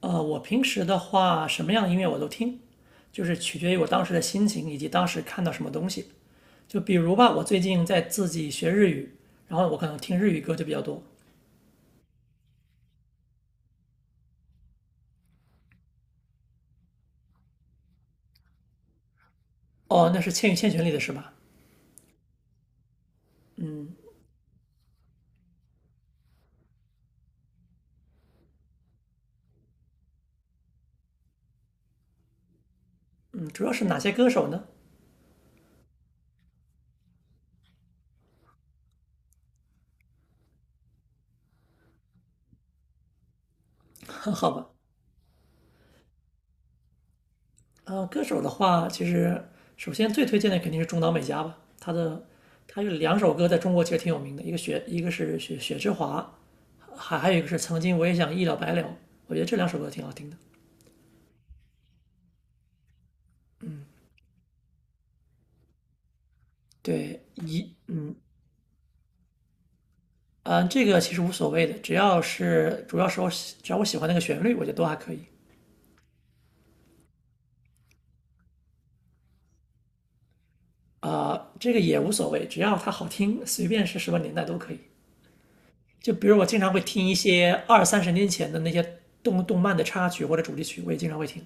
我平时的话，什么样的音乐我都听，就是取决于我当时的心情以及当时看到什么东西。就比如吧，我最近在自己学日语，然后我可能听日语歌就比较多。哦，那是《千与千寻》里的是吧？嗯，主要是哪些歌手呢？好吧。歌手的话，其实首先最推荐的肯定是中岛美嘉吧。她有两首歌在中国其实挺有名的，一个雪，一个是雪之华，还有一个是曾经我也想一了百了，我觉得这两首歌挺好听的。对。一嗯，嗯，这个其实无所谓的，只要我喜欢那个旋律，我觉得都还可以。啊，这个也无所谓，只要它好听，随便是什么年代都可以。就比如我经常会听一些二三十年前的那些动漫的插曲或者主题曲，我也经常会听。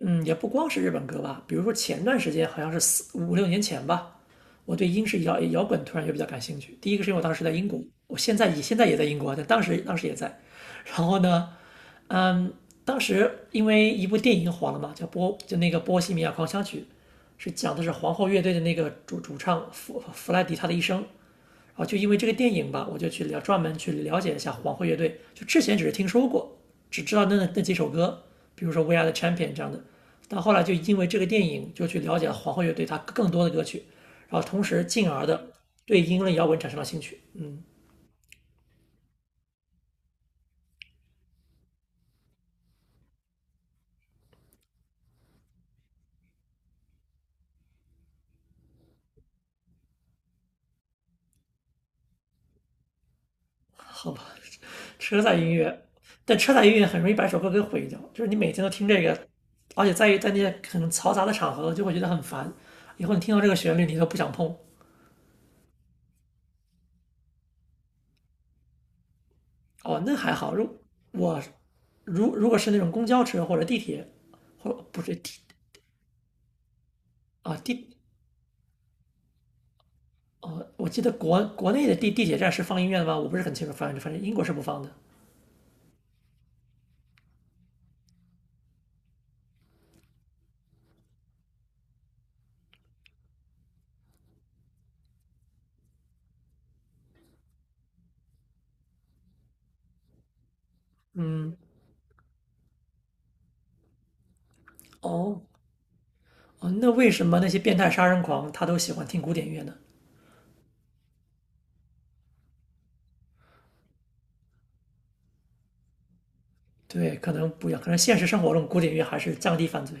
嗯，也不光是日本歌吧，比如说前段时间好像是四五六年前吧，我对英式摇滚突然就比较感兴趣。第一个是因为我当时在英国，我现在也在英国啊，但当时也在。然后呢，嗯，当时因为一部电影火了嘛，叫就那个《波西米亚狂想曲》，是讲的是皇后乐队的那个主唱弗莱迪他的一生。然后就因为这个电影吧，我就去了专门去了解一下皇后乐队。就之前只是听说过，只知道那几首歌，比如说《We Are the Champion》这样的。但后来就因为这个电影，就去了解了皇后乐队它更多的歌曲，然后同时进而的对英伦摇滚产生了兴趣。嗯，很车载音乐，但车载音乐很容易把一首歌给毁掉，就是你每天都听这个，而且在于在那些很嘈杂的场合就会觉得很烦，以后你听到这个旋律你都不想碰。哦，那还好。如我如如果是那种公交车或者地铁，或不是地啊地哦，我记得国内的地铁站是放音乐的吗？我不是很清楚，反正英国是不放的。哦哦，那为什么那些变态杀人狂他都喜欢听古典音乐呢？对，可能不一样，可能现实生活中古典音乐还是降低犯罪。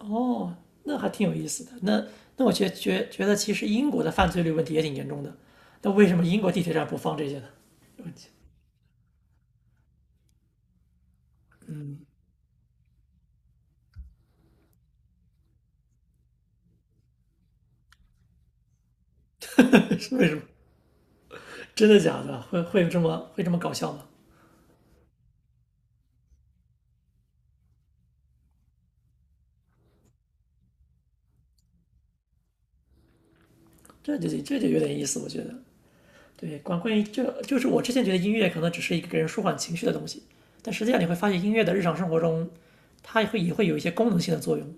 哦，那还挺有意思的。那那我觉得，其实英国的犯罪率问题也挺严重的。那为什么英国地铁站不放这些呢？是为什么？真的假的？会有这么搞笑吗？这就有点意思，我觉得。对，关于这就是我之前觉得音乐可能只是一个给人舒缓情绪的东西，但实际上你会发现音乐的日常生活中，它也会有一些功能性的作用。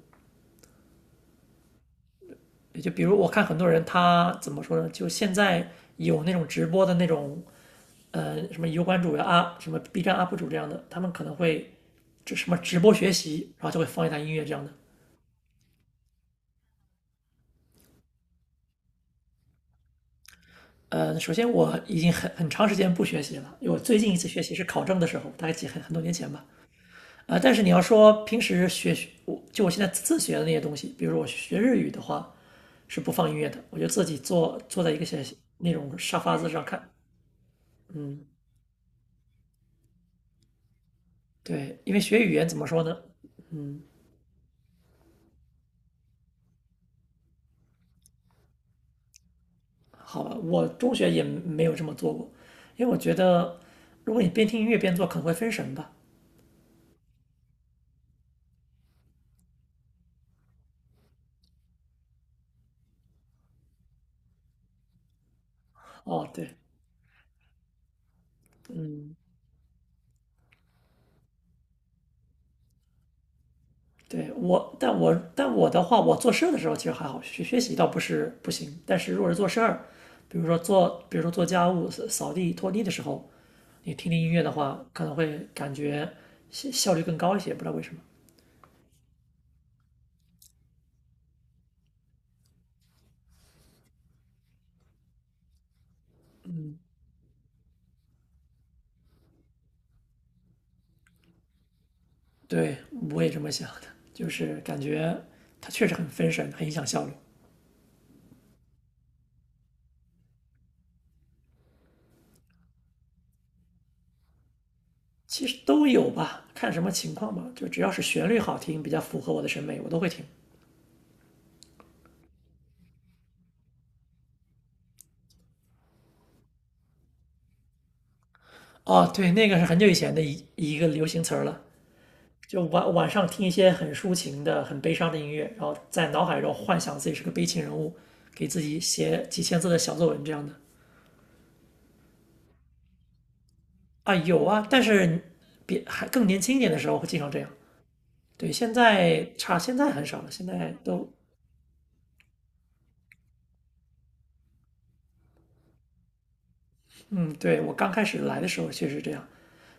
也就比如我看很多人他怎么说呢？就现在有那种直播的那种什么油管主呀啊，什么 B 站 UP 主这样的，他们可能会什么直播学习，然后就会放一段音乐这样的。首先我已经很长时间不学习了，因为我最近一次学习是考证的时候，大概很多年前吧。但是你要说平时学我就我现在自学的那些东西，比如说我学日语的话是不放音乐的，我就自己坐在一个小那种沙发子上看。嗯，对，因为学语言怎么说呢？好吧，我中学也没有这么做过，因为我觉得如果你边听音乐边做，可能会分神吧。哦，对对。我的话，我做事儿的时候其实还好，学习倒不是不行，但是如果是做事儿，比如说做家务、扫地、拖地的时候，你听音乐的话，可能会感觉效率更高一些，不知道为什么。对，我也这么想的，就是感觉它确实很分神，很影响效率。其实都有吧，看什么情况吧。就只要是旋律好听，比较符合我的审美，我都会听。哦，对，那个是很久以前的一个流行词儿了。就晚上听一些很抒情的、很悲伤的音乐，然后在脑海中幻想自己是个悲情人物，给自己写几千字的小作文这样的。啊，有啊，但是别还更年轻一点的时候会经常这样。对，现在很少了，现在都。嗯，对，我刚开始来的时候确实这样，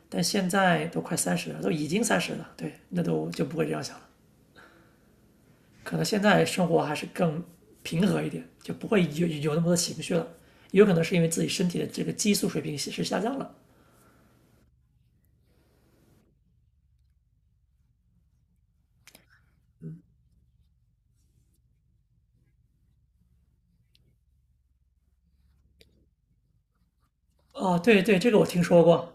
但现在都快三十了，都已经三十了，对，那都就不会这样想了。可能现在生活还是更平和一点，就不会有那么多情绪了。也有可能是因为自己身体的这个激素水平是下降了。哦，对对，这个我听说过，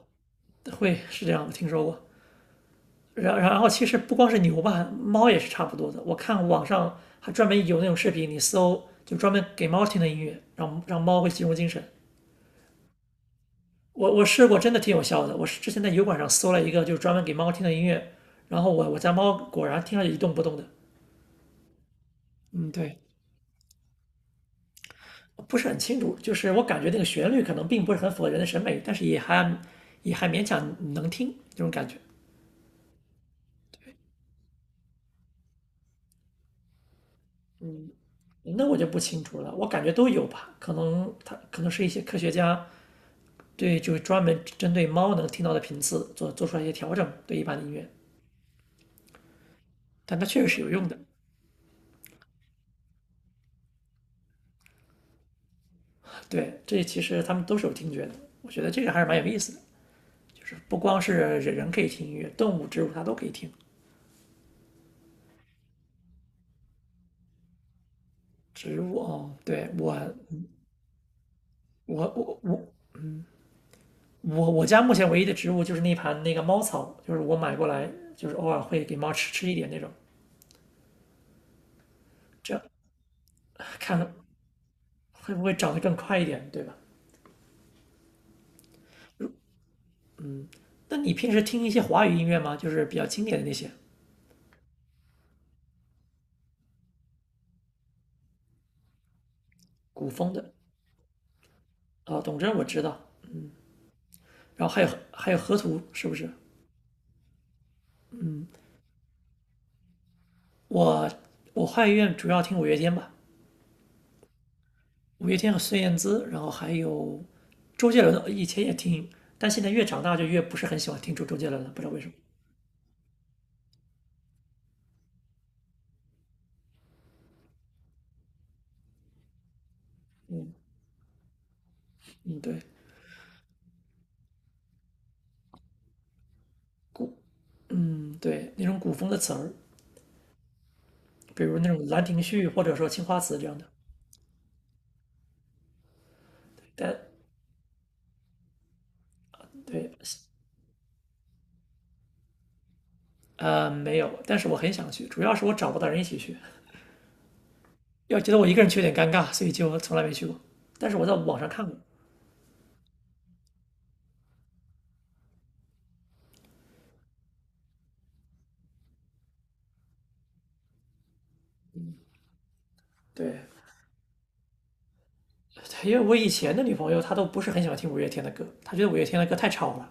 会是这样，我听说过。然后其实不光是牛吧，猫也是差不多的。我看网上还专门有那种视频，你搜就专门给猫听的音乐，让猫会集中精神。我试过，真的挺有效的。我是之前在油管上搜了一个，就是专门给猫听的音乐，然后我家猫果然听上去一动不动的。嗯，对，不是很清楚，就是我感觉那个旋律可能并不是很符合人的审美，但是也还勉强能听这种感觉。那我就不清楚了，我感觉都有吧，可能它可能是一些科学家对就是专门针对猫能听到的频次做出来一些调整，对一般的音乐，但它确实是有用的。对，这其实他们都是有听觉的，我觉得这个还是蛮有意思的。就是不光是人人可以听音乐，动物、植物它都可以听。植物哦，对我，我我我我家目前唯一的植物就是那盘那个猫草，就是我买过来，就是偶尔会给猫吃吃一点那种，这样看会不会长得更快一点，对吧？那你平时听一些华语音乐吗？就是比较经典的那些古风的啊。董贞我知道，然后还有河图是不是？我我华语乐主要听五月天吧，五月天和孙燕姿，然后还有周杰伦，以前也听，但现在越长大就越不是很喜欢听周杰伦了，不知道为什么。嗯嗯，对，古对那种古风的词儿，比如那种《兰亭序》或者说《青花瓷》这样的，但对。没有，但是我很想去，主要是我找不到人一起去，要觉得我一个人去有点尴尬，所以就从来没去过。但是我在网上看过，对，因为我以前的女朋友她都不是很喜欢听五月天的歌，她觉得五月天的歌太吵了。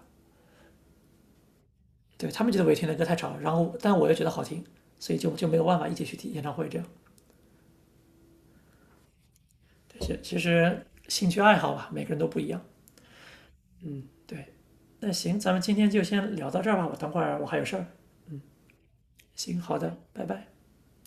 对他们觉得我听的歌太吵，然后但我又觉得好听，所以就没有办法一起去听演唱会这样。其实兴趣爱好吧，每个人都不一样。对，那行，咱们今天就先聊到这儿吧，我等会儿我还有事儿。行，好的，拜拜。